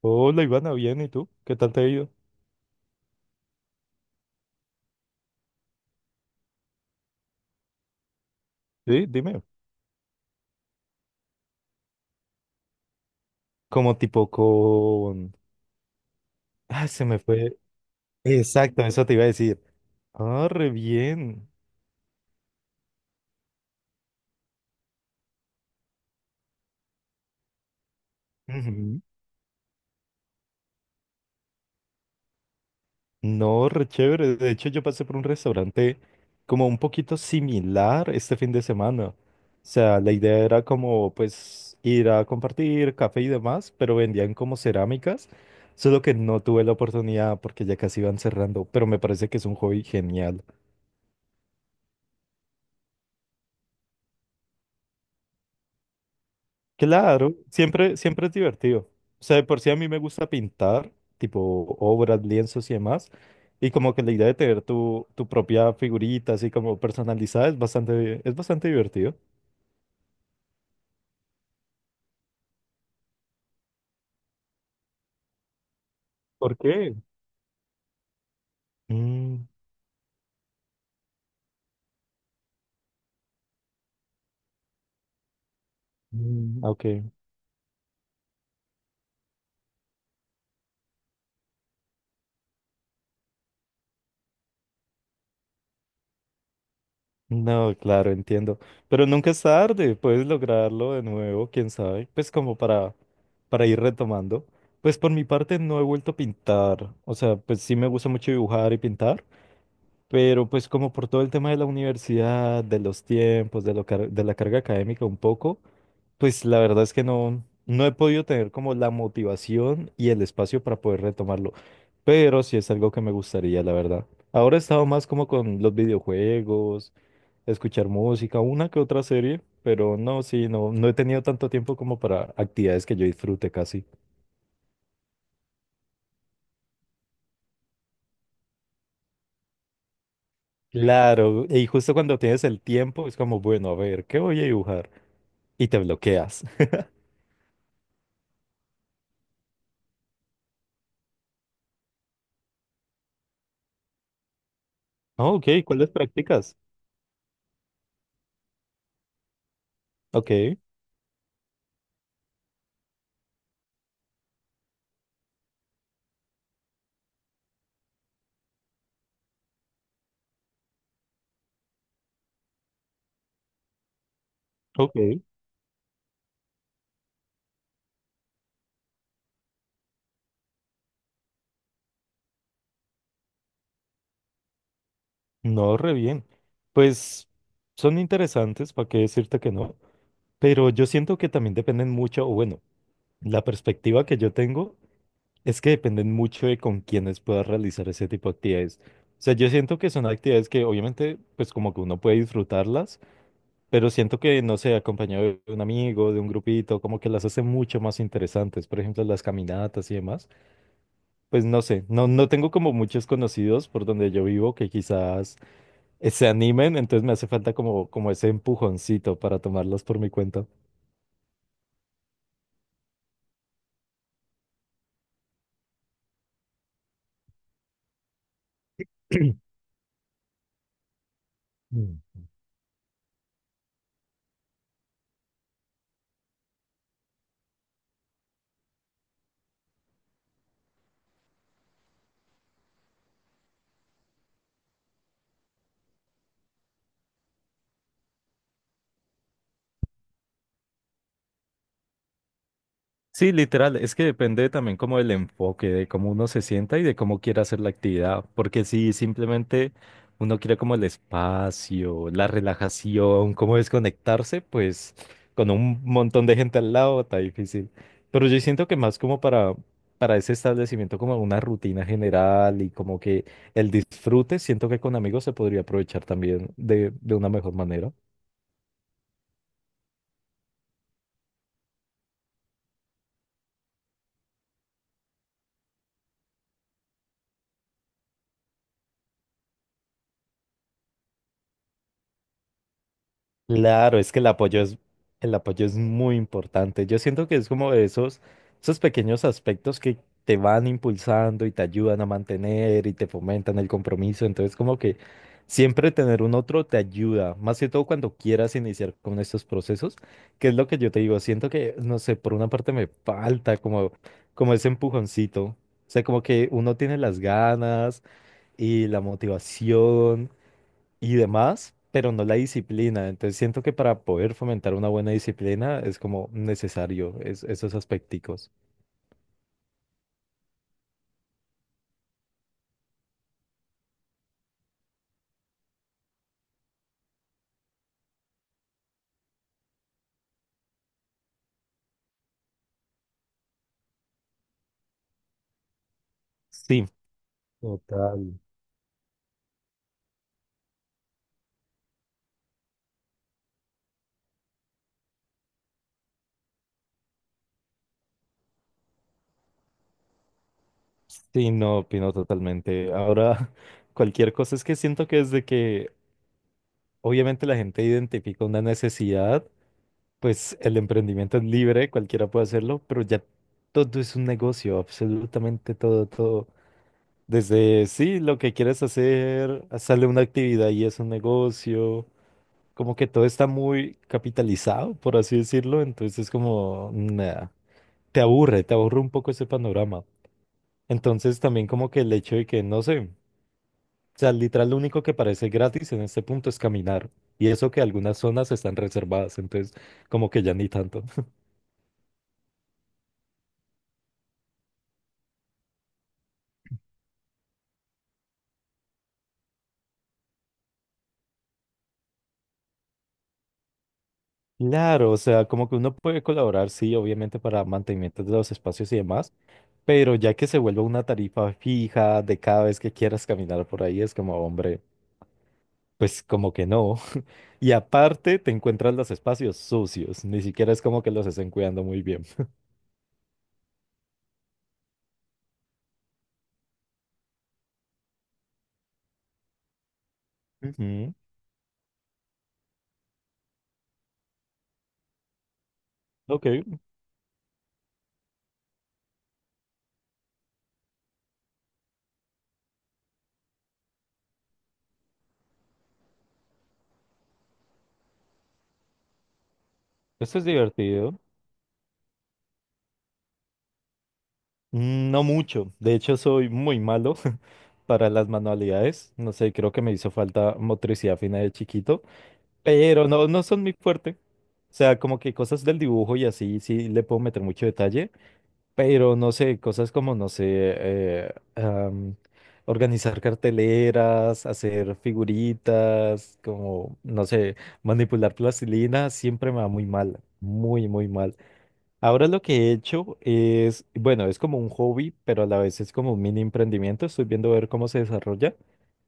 Hola Ivana, bien, ¿y tú? ¿Qué tal te ha ido? Sí, dime. Como tipo con... Ah, se me fue. Exacto, eso te iba a decir. Ah, re bien. Ujú. No, re chévere. De hecho, yo pasé por un restaurante como un poquito similar este fin de semana. O sea, la idea era como pues ir a compartir café y demás, pero vendían como cerámicas, solo que no tuve la oportunidad porque ya casi iban cerrando, pero me parece que es un hobby genial. Claro, siempre, siempre es divertido. O sea, de por sí a mí me gusta pintar, tipo obras, lienzos y demás. Y como que la idea de tener tu propia figurita, así como personalizada, es bastante divertido. ¿Por qué? Mm, mm, ok. No, claro, entiendo. Pero nunca es tarde, puedes lograrlo de nuevo, quién sabe. Pues como para ir retomando. Pues por mi parte no he vuelto a pintar. O sea, pues sí me gusta mucho dibujar y pintar. Pero pues como por todo el tema de la universidad, de los tiempos, de, lo car- de la carga académica un poco, pues la verdad es que no, no he podido tener como la motivación y el espacio para poder retomarlo. Pero sí es algo que me gustaría, la verdad. Ahora he estado más como con los videojuegos, escuchar música, una que otra serie, pero no, sí, no, no he tenido tanto tiempo como para actividades que yo disfrute casi. Claro, y justo cuando tienes el tiempo es como, bueno, a ver, ¿qué voy a dibujar? Y te bloqueas. Ah, ok, ¿cuáles practicas? Ok, ok, no, re bien. Pues son interesantes, ¿para qué decirte que no? Pero yo siento que también dependen mucho, o bueno, la perspectiva que yo tengo es que dependen mucho de con quienes puedas realizar ese tipo de actividades. O sea, yo siento que son actividades que obviamente, pues como que uno puede disfrutarlas, pero siento que, no sé, acompañado de un amigo, de un grupito, como que las hace mucho más interesantes. Por ejemplo, las caminatas y demás. Pues no sé, no, no tengo como muchos conocidos por donde yo vivo que quizás se animen, entonces me hace falta como, como ese empujoncito para tomarlos por mi cuenta. Sí, literal, es que depende también como del enfoque, de cómo uno se sienta y de cómo quiera hacer la actividad, porque si simplemente uno quiere como el espacio, la relajación, cómo desconectarse, pues con un montón de gente al lado está difícil. Pero yo siento que más como para ese establecimiento, como una rutina general y como que el disfrute, siento que con amigos se podría aprovechar también de una mejor manera. Claro, es que el apoyo es muy importante. Yo siento que es como de esos, esos pequeños aspectos que te van impulsando y te ayudan a mantener y te fomentan el compromiso. Entonces, como que siempre tener un otro te ayuda, más que todo cuando quieras iniciar con estos procesos, que es lo que yo te digo. Siento que, no sé, por una parte me falta como, como ese empujoncito. O sea, como que uno tiene las ganas y la motivación y demás, pero no la disciplina. Entonces siento que para poder fomentar una buena disciplina es como necesario es- esos aspecticos. Sí, total, sí, no opino totalmente. Ahora, cualquier cosa es que siento que desde que obviamente la gente identifica una necesidad, pues el emprendimiento es libre, cualquiera puede hacerlo, pero ya todo es un negocio, absolutamente todo, todo. Desde, sí, lo que quieres hacer, sale una actividad y es un negocio. Como que todo está muy capitalizado, por así decirlo, entonces como nada, te aburre un poco ese panorama. Entonces también como que el hecho de que, no sé, o sea, literal lo único que parece gratis en este punto es caminar, y eso que algunas zonas están reservadas, entonces como que ya ni tanto. Claro, o sea, como que uno puede colaborar, sí, obviamente para mantenimiento de los espacios y demás, pero ya que se vuelva una tarifa fija de cada vez que quieras caminar por ahí, es como, hombre. Pues como que no. Y aparte te encuentras los espacios sucios, ni siquiera es como que los estén cuidando muy bien. Ujú. Ok, esto es divertido. Mm, no mucho, de hecho soy muy malo para las manualidades, no sé, creo que me hizo falta motricidad fina de chiquito, pero no, no son muy fuerte. O sea, como que cosas del dibujo y así, sí le puedo meter mucho detalle, pero no sé, cosas como, no sé, organizar carteleras, hacer figuritas, como, no sé, manipular plastilina, siempre me va muy mal, muy, muy mal. Ahora lo que he hecho es, bueno, es como un hobby, pero a la vez es como un mini emprendimiento. Estoy viendo a ver cómo se desarrolla.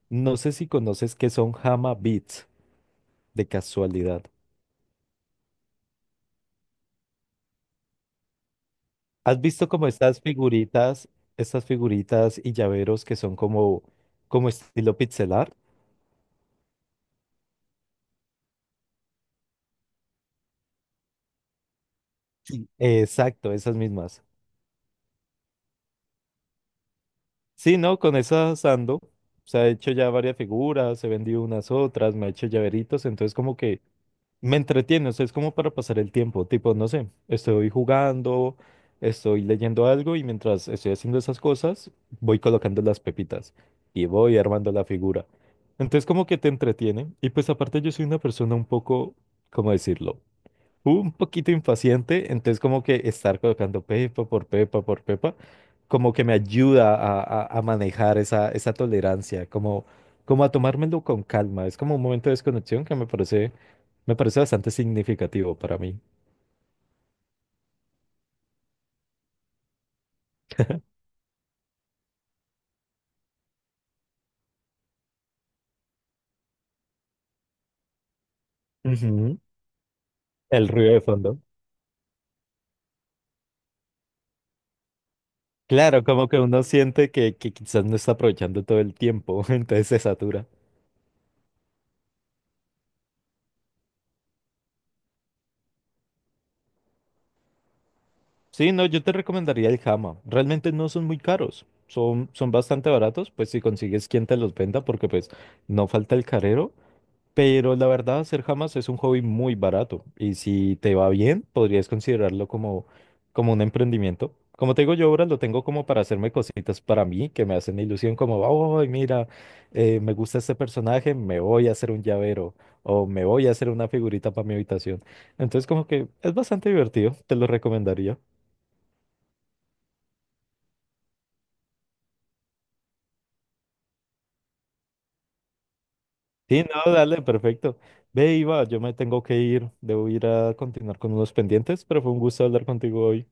No sé si conoces que son Hama Beats, de casualidad. ¿Has visto como estas figuritas y llaveros que son como, como estilo pixelar? Exacto, esas mismas. Sí, ¿no? Con esas ando. Se ha hecho ya varias figuras, he vendido unas otras, me ha hecho llaveritos, entonces como que me entretiene, o sea, es como para pasar el tiempo, tipo, no sé, estoy jugando, estoy leyendo algo y mientras estoy haciendo esas cosas, voy colocando las pepitas y voy armando la figura. Entonces como que te entretiene y pues aparte yo soy una persona un poco, ¿cómo decirlo? Un poquito impaciente, entonces como que estar colocando pepa por pepa por pepa, como que me ayuda a manejar esa, esa tolerancia, como, como a tomármelo con calma. Es como un momento de desconexión que me parece bastante significativo para mí. Ujú. El ruido de fondo. Claro, como que uno siente que quizás no está aprovechando todo el tiempo, entonces se satura. Sí, no, yo te recomendaría el Hama. Realmente no son muy caros. Son, son bastante baratos, pues si consigues quien te los venda, porque pues no falta el carero. Pero la verdad, hacer Hamas es un hobby muy barato. Y si te va bien, podrías considerarlo como, como un emprendimiento. Como te digo, yo ahora lo tengo como para hacerme cositas para mí, que me hacen ilusión, como, oh, mira, me gusta este personaje, me voy a hacer un llavero o me voy a hacer una figurita para mi habitación. Entonces, como que es bastante divertido, te lo recomendaría. Sí, no, dale, perfecto. Ve, Iva, yo me tengo que ir, debo ir a continuar con unos pendientes, pero fue un gusto hablar contigo hoy.